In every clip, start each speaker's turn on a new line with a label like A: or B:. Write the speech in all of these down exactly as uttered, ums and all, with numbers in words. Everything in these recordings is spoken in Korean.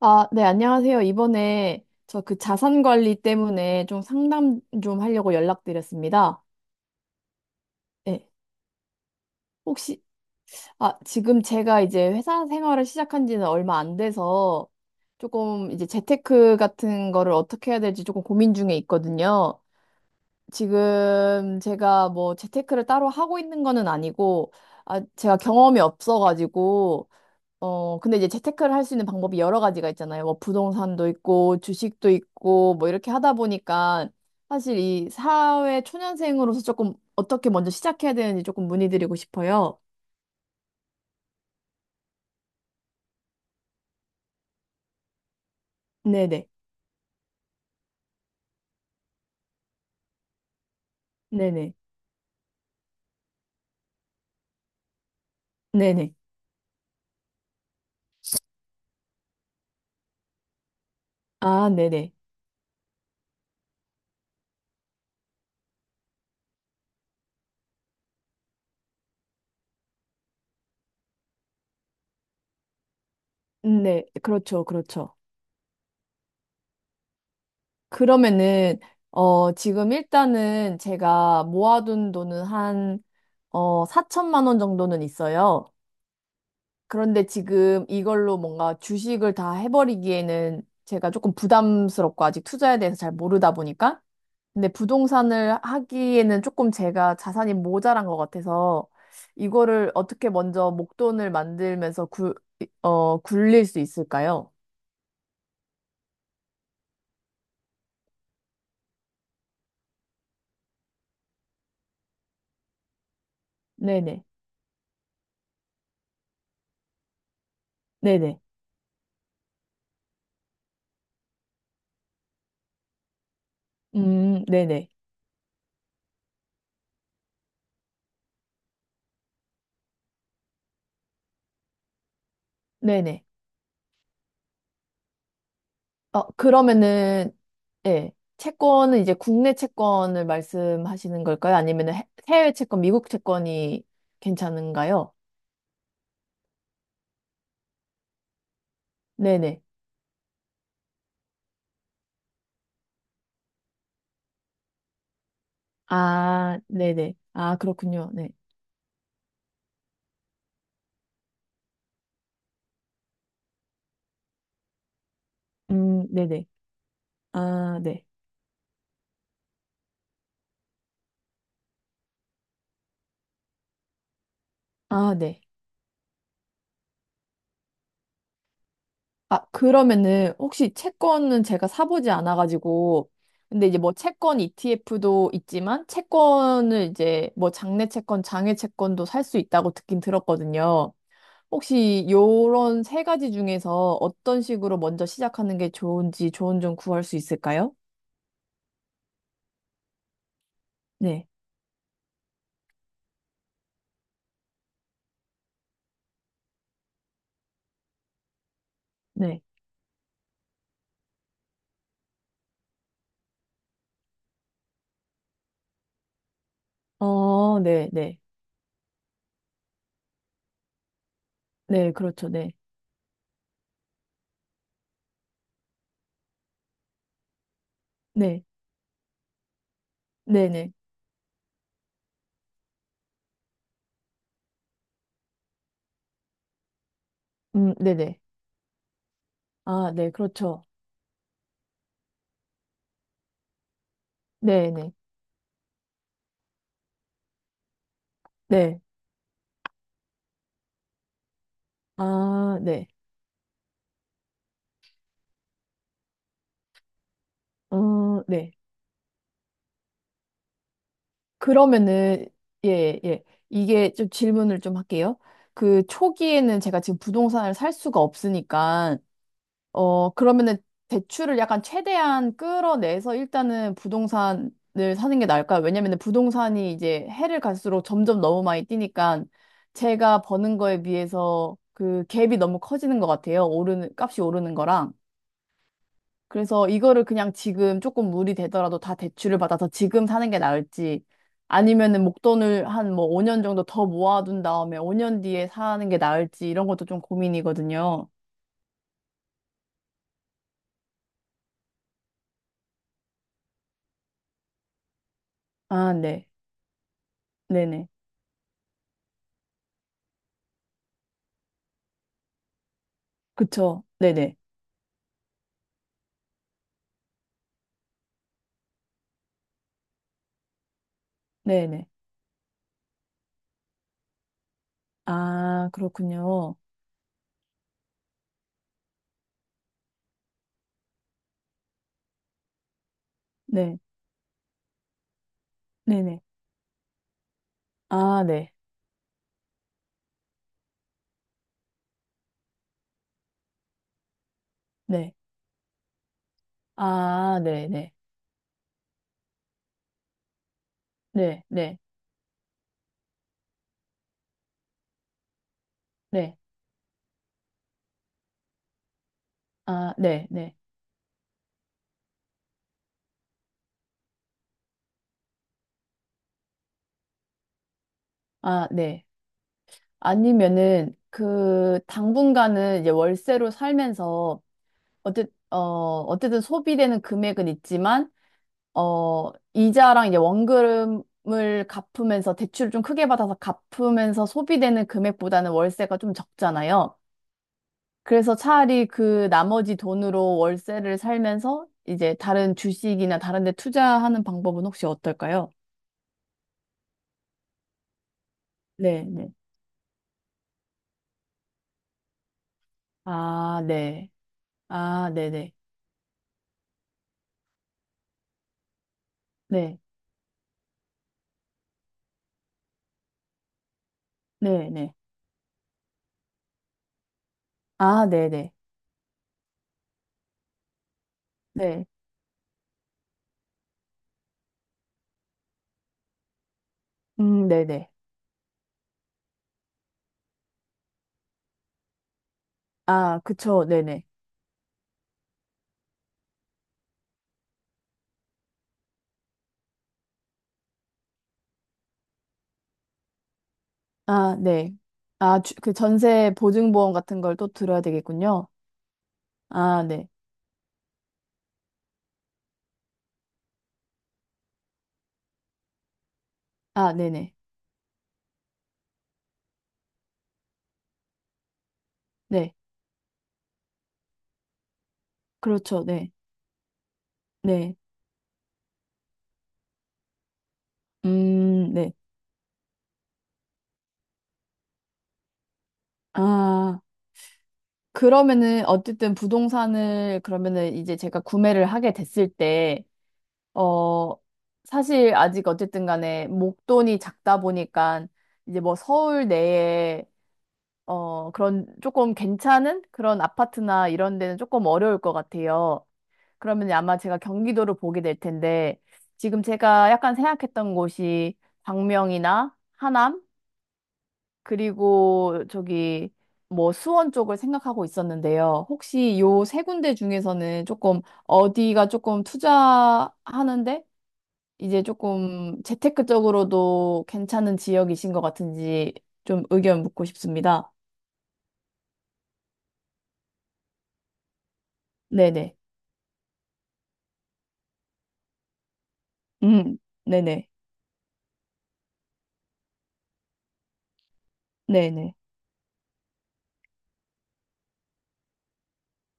A: 아, 네, 안녕하세요. 이번에 저 그 자산 관리 때문에 좀 상담 좀 하려고 연락드렸습니다. 네. 혹시, 아, 지금 제가 이제 회사 생활을 시작한 지는 얼마 안 돼서 조금 이제 재테크 같은 거를 어떻게 해야 될지 조금 고민 중에 있거든요. 지금 제가 뭐 재테크를 따로 하고 있는 거는 아니고, 아, 제가 경험이 없어가지고, 어, 근데 이제 재테크를 할 수 있는 방법이 여러 가지가 있잖아요. 뭐 부동산도 있고 주식도 있고 뭐 이렇게 하다 보니까 사실 이 사회 초년생으로서 조금 어떻게 먼저 시작해야 되는지 조금 문의드리고 싶어요. 네네. 네네. 네네. 아, 네네. 음, 네. 그렇죠. 그렇죠. 그러면은 어, 지금 일단은 제가 모아둔 돈은 한 어, 사천만 원 정도는 있어요. 그런데 지금 이걸로 뭔가 주식을 다 해버리기에는 제가 조금 부담스럽고 아직 투자에 대해서 잘 모르다 보니까. 근데 부동산을 하기에는 조금 제가 자산이 모자란 것 같아서 이거를 어떻게 먼저 목돈을 만들면서 굴, 어, 굴릴 수 있을까요? 네네. 네네. 음, 네네. 네네. 어, 그러면은, 예. 채권은 이제 국내 채권을 말씀하시는 걸까요? 아니면 해외 채권, 미국 채권이 괜찮은가요? 네네. 아, 네네. 아, 그렇군요. 네. 음, 네네. 아, 네. 아, 네. 아, 그러면은 혹시 채권은 제가 사보지 않아가지고, 근데 이제 뭐 채권 이티에프도 있지만, 채권을 이제 뭐 장내 채권, 장외 채권도 살 수 있다고 듣긴 들었거든요. 혹시 요런 세 가지 중에서 어떤 식으로 먼저 시작하는 게 좋은지 조언 좀 구할 수 있을까요? 네, 네. 어, 네, 네. 네, 그렇죠. 네. 네, 네네. 음, 네네. 아, 네, 그렇죠. 네네. 네. 아, 네. 어, 네. 그러면은, 예, 예. 이게 좀 질문을 좀 할게요. 그 초기에는 제가 지금 부동산을 살 수가 없으니까, 어, 그러면은 대출을 약간 최대한 끌어내서 일단은 부동산을 사는 게 나을까요? 왜냐면은 부동산이 이제 해를 갈수록 점점 너무 많이 뛰니까 제가 버는 거에 비해서 그 갭이 너무 커지는 것 같아요. 오르는, 값이 오르는 거랑. 그래서 이거를 그냥 지금 조금 물이 되더라도 다 대출을 받아서 지금 사는 게 나을지 아니면은 목돈을 한 뭐 오 년 정도 더 모아둔 다음에 오 년 뒤에 사는 게 나을지 이런 것도 좀 고민이거든요. 아, 네. 네네. 그쵸. 네네. 네네. 아, 그렇군요. 네. 네네. 아, 네. 네. 아, 네네. 네. 네. 네. 네. 아, 네. 네. 아, 네. 아니면은 그 당분간은 이제 월세로 살면서 어쨌, 어, 어쨌든 소비되는 금액은 있지만, 어, 이자랑 이제 원금을 갚으면서 대출을 좀 크게 받아서 갚으면서 소비되는 금액보다는 월세가 좀 적잖아요. 그래서 차라리 그 나머지 돈으로 월세를 살면서 이제 다른 주식이나 다른 데 투자하는 방법은 혹시 어떨까요? 네, 네. 아, 네. 아, 네네. 네, 네네. 아, 네네. 네. 네. 음, 네네. 아, 그쵸. 네네. 아, 네. 아, 주, 그 전세 보증보험 같은 걸 또 들어야 되겠군요. 아, 네. 아, 네네. 네. 그렇죠. 네. 네. 음, 네. 아, 그러면은 어쨌든 부동산을 그러면은 이제 제가 구매를 하게 됐을 때, 어, 사실 아직 어쨌든 간에 목돈이 작다 보니까 이제 뭐 서울 내에 어, 그런 조금 괜찮은 그런 아파트나 이런 데는 조금 어려울 것 같아요. 그러면 아마 제가 경기도를 보게 될 텐데, 지금 제가 약간 생각했던 곳이 광명이나 하남, 그리고 저기 뭐 수원 쪽을 생각하고 있었는데요. 혹시 요 세 군데 중에서는 조금 어디가 조금 투자하는데, 이제 조금 재테크적으로도 괜찮은 지역이신 것 같은지 좀 의견 묻고 싶습니다. 네네. 음, 네네. 네네.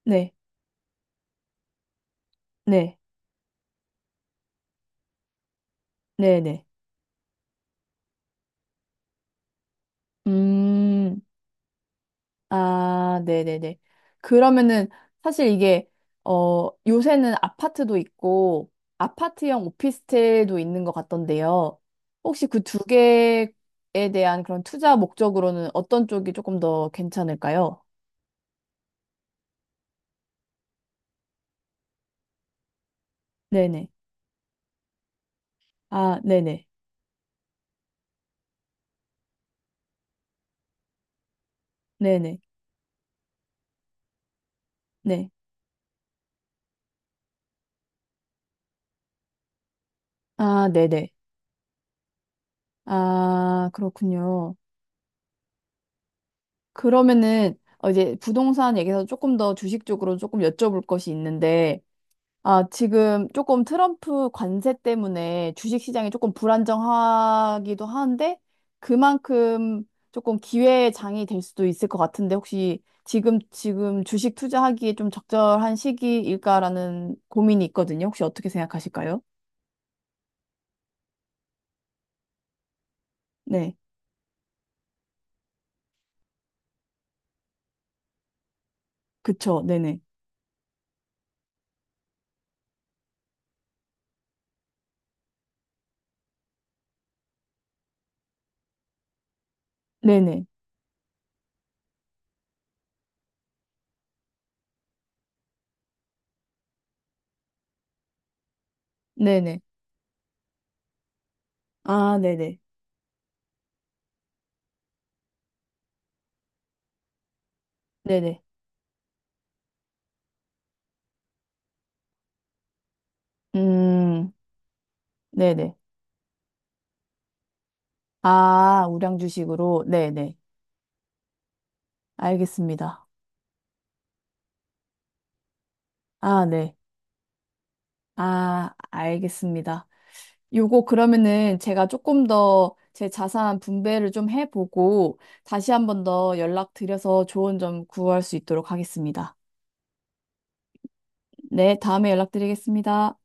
A: 네. 네. 네네. 음. 아, 네네네. 그러면은 사실 이게, 어, 요새는 아파트도 있고, 아파트형 오피스텔도 있는 것 같던데요. 혹시 그 두 개에 대한 그런 투자 목적으로는 어떤 쪽이 조금 더 괜찮을까요? 네네. 아, 네네. 네네. 네. 아, 네네. 아, 그렇군요. 그러면은, 어, 이제 부동산 얘기해서 조금 더 주식 쪽으로 조금 여쭤볼 것이 있는데, 아, 지금 조금 트럼프 관세 때문에 주식 시장이 조금 불안정하기도 하는데 그만큼 조금 기회의 장이 될 수도 있을 것 같은데 혹시 지금 지금 주식 투자하기에 좀 적절한 시기일까라는 고민이 있거든요. 혹시 어떻게 생각하실까요? 네. 그쵸. 네네. 네네. 네네. 아, 네네. 네네. 음, 네네. 아, 우량 주식으로. 네네. 알겠습니다. 아, 네. 아, 알겠습니다. 요거 그러면은 제가 조금 더 제 자산 분배를 좀 해보고 다시 한번 더 연락드려서 조언 좀 구할 수 있도록 하겠습니다. 네, 다음에 연락드리겠습니다.